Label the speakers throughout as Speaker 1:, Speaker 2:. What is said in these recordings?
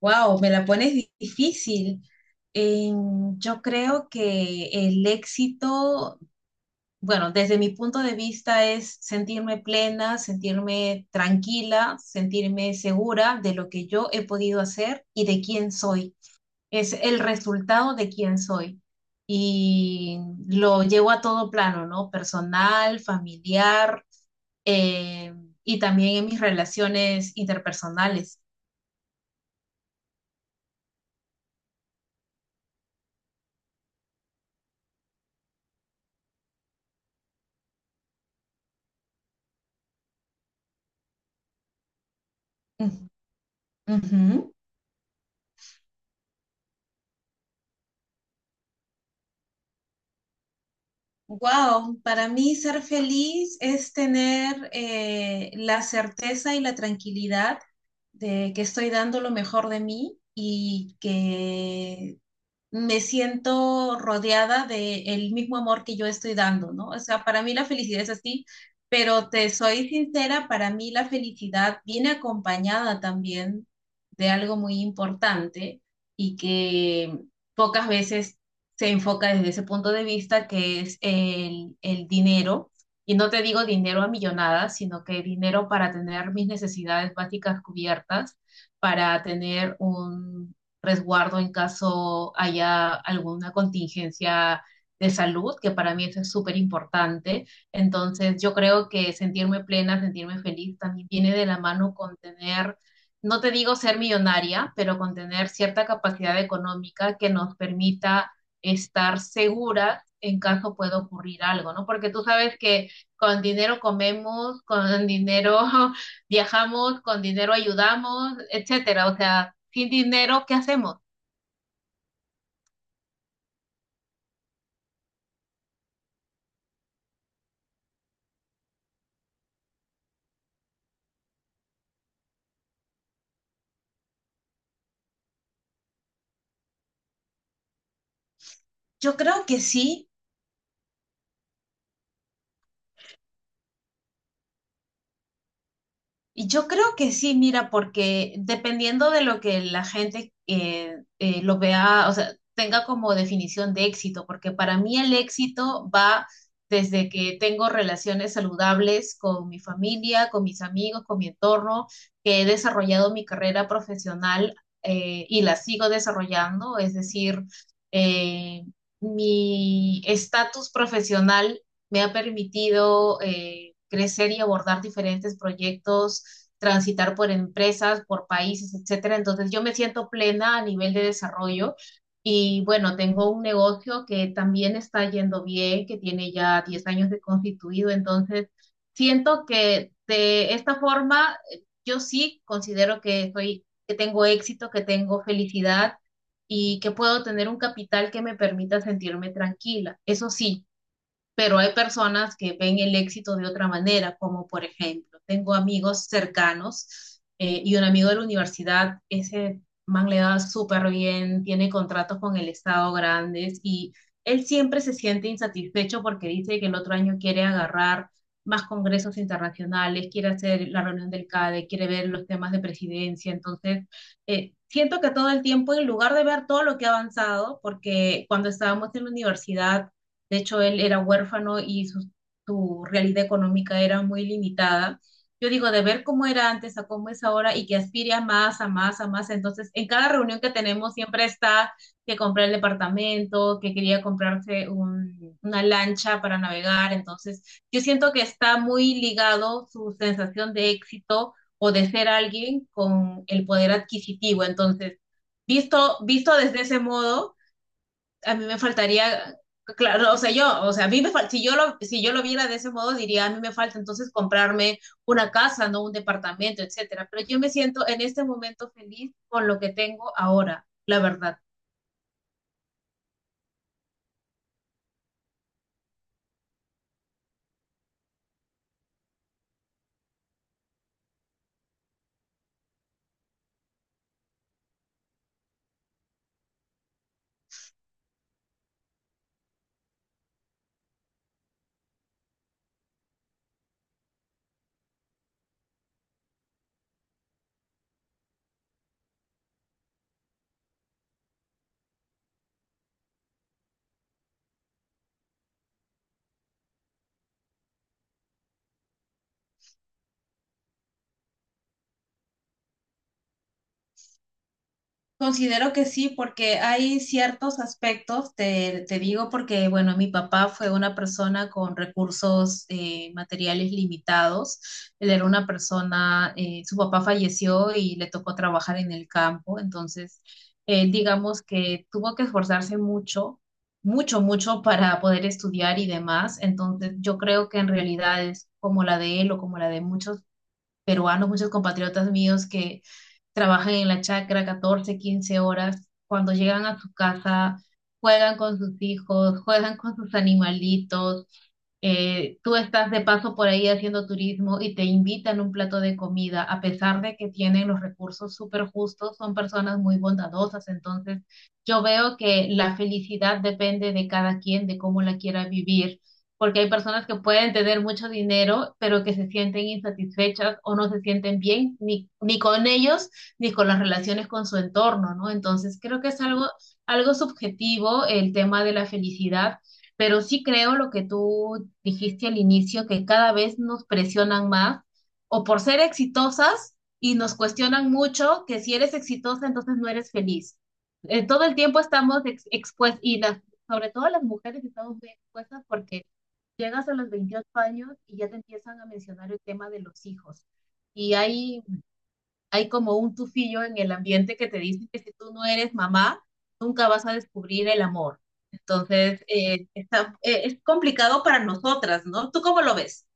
Speaker 1: Wow, me la pones difícil. Yo creo que el éxito, bueno, desde mi punto de vista es sentirme plena, sentirme tranquila, sentirme segura de lo que yo he podido hacer y de quién soy. Es el resultado de quién soy. Y lo llevo a todo plano, ¿no? Personal, familiar, y también en mis relaciones interpersonales. Ujú. Ujú. Wow, para mí ser feliz es tener la certeza y la tranquilidad de que estoy dando lo mejor de mí y que me siento rodeada del mismo amor que yo estoy dando, ¿no? O sea, para mí la felicidad es así, pero te soy sincera, para mí la felicidad viene acompañada también de algo muy importante y que pocas veces se enfoca desde ese punto de vista, que es el dinero. Y no te digo dinero a millonadas, sino que dinero para tener mis necesidades básicas cubiertas, para tener un resguardo en caso haya alguna contingencia de salud, que para mí eso es súper importante. Entonces, yo creo que sentirme plena, sentirme feliz, también viene de la mano con tener, no te digo ser millonaria, pero con tener cierta capacidad económica que nos permita estar segura en caso pueda ocurrir algo, ¿no? Porque tú sabes que con dinero comemos, con dinero viajamos, con dinero ayudamos, etcétera. O sea, sin dinero, ¿qué hacemos? Yo creo que sí. Y yo creo que sí, mira, porque dependiendo de lo que la gente lo vea, o sea, tenga como definición de éxito, porque para mí el éxito va desde que tengo relaciones saludables con mi familia, con mis amigos, con mi entorno, que he desarrollado mi carrera profesional y la sigo desarrollando, es decir, eh, mi estatus profesional me ha permitido crecer y abordar diferentes proyectos, transitar por empresas, por países, etcétera. Entonces, yo me siento plena a nivel de desarrollo y bueno, tengo un negocio que también está yendo bien, que tiene ya 10 años de constituido, entonces siento que de esta forma yo sí considero que soy que tengo éxito, que tengo felicidad y que puedo tener un capital que me permita sentirme tranquila. Eso sí, pero hay personas que ven el éxito de otra manera, como por ejemplo, tengo amigos cercanos y un amigo de la universidad, ese man le da súper bien, tiene contratos con el Estado grandes y él siempre se siente insatisfecho porque dice que el otro año quiere agarrar más congresos internacionales, quiere hacer la reunión del CADE, quiere ver los temas de presidencia, entonces… siento que todo el tiempo, en lugar de ver todo lo que ha avanzado, porque cuando estábamos en la universidad de hecho, él era huérfano y su realidad económica era muy limitada. Yo digo, de ver cómo era antes a cómo es ahora y que aspire a más, a más, a más. Entonces, en cada reunión que tenemos siempre está que comprar el departamento, que quería comprarse una lancha para navegar. Entonces, yo siento que está muy ligado su sensación de éxito o de ser alguien con el poder adquisitivo. Entonces, visto desde ese modo a mí me faltaría, claro, o sea, yo, o sea, a mí me fal- si yo lo, si yo lo viera de ese modo, diría, a mí me falta entonces comprarme una casa, no un departamento, etcétera. Pero yo me siento en este momento feliz con lo que tengo ahora, la verdad. Considero que sí, porque hay ciertos aspectos, te digo, porque, bueno, mi papá fue una persona con recursos materiales limitados. Él era una persona, su papá falleció y le tocó trabajar en el campo, entonces, él, digamos que tuvo que esforzarse mucho, mucho, mucho para poder estudiar y demás. Entonces, yo creo que en realidad es como la de él o como la de muchos peruanos, muchos compatriotas míos que trabajan en la chacra 14, 15 horas, cuando llegan a su casa, juegan con sus hijos, juegan con sus animalitos, tú estás de paso por ahí haciendo turismo y te invitan un plato de comida, a pesar de que tienen los recursos súper justos, son personas muy bondadosas. Entonces, yo veo que la felicidad depende de cada quien, de cómo la quiera vivir, porque hay personas que pueden tener mucho dinero, pero que se sienten insatisfechas o no se sienten bien ni con ellos, ni con las relaciones con su entorno, ¿no? Entonces, creo que es algo… algo subjetivo el tema de la felicidad, pero sí creo lo que tú dijiste al inicio, que cada vez nos presionan más o por ser exitosas y nos cuestionan mucho que si eres exitosa, entonces no eres feliz. Todo el tiempo estamos expuestas y sobre todo las mujeres estamos muy expuestas porque llegas a los 28 años y ya te empiezan a mencionar el tema de los hijos. Y hay como un tufillo en el ambiente que te dice que si tú no eres mamá, nunca vas a descubrir el amor. Entonces, es complicado para nosotras, ¿no? ¿Tú cómo lo ves?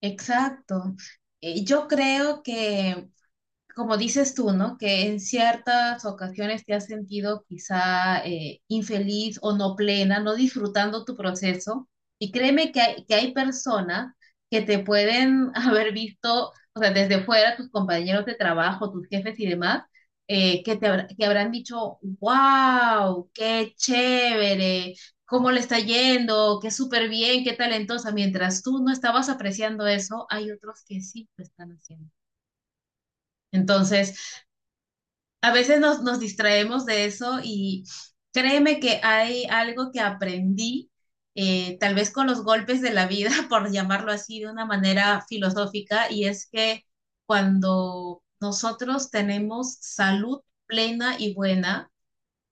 Speaker 1: Exacto. Yo creo que como dices tú, ¿no? Que en ciertas ocasiones te has sentido quizá infeliz o no plena, no disfrutando tu proceso. Y créeme que hay personas que te pueden haber visto, o sea, desde fuera, tus compañeros de trabajo, tus jefes y demás, que habrán dicho, wow, qué chévere, cómo le está yendo, qué súper bien, qué talentosa. Mientras tú no estabas apreciando eso, hay otros que sí lo están haciendo. Entonces, a veces nos distraemos de eso y créeme que hay algo que aprendí, tal vez con los golpes de la vida, por llamarlo así de una manera filosófica, y es que cuando nosotros tenemos salud plena y buena,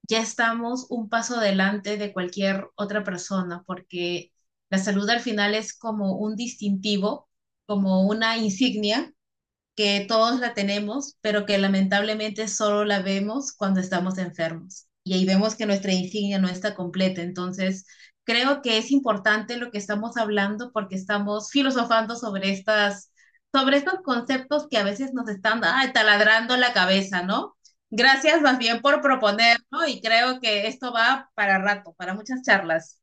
Speaker 1: ya estamos un paso adelante de cualquier otra persona, porque la salud al final es como un distintivo, como una insignia que todos la tenemos, pero que lamentablemente solo la vemos cuando estamos enfermos. Y ahí vemos que nuestra insignia no está completa. Entonces, creo que es importante lo que estamos hablando porque estamos filosofando sobre sobre estos conceptos que a veces nos están ay, taladrando la cabeza, ¿no? Gracias más bien por proponerlo, ¿no? Y creo que esto va para rato, para muchas charlas.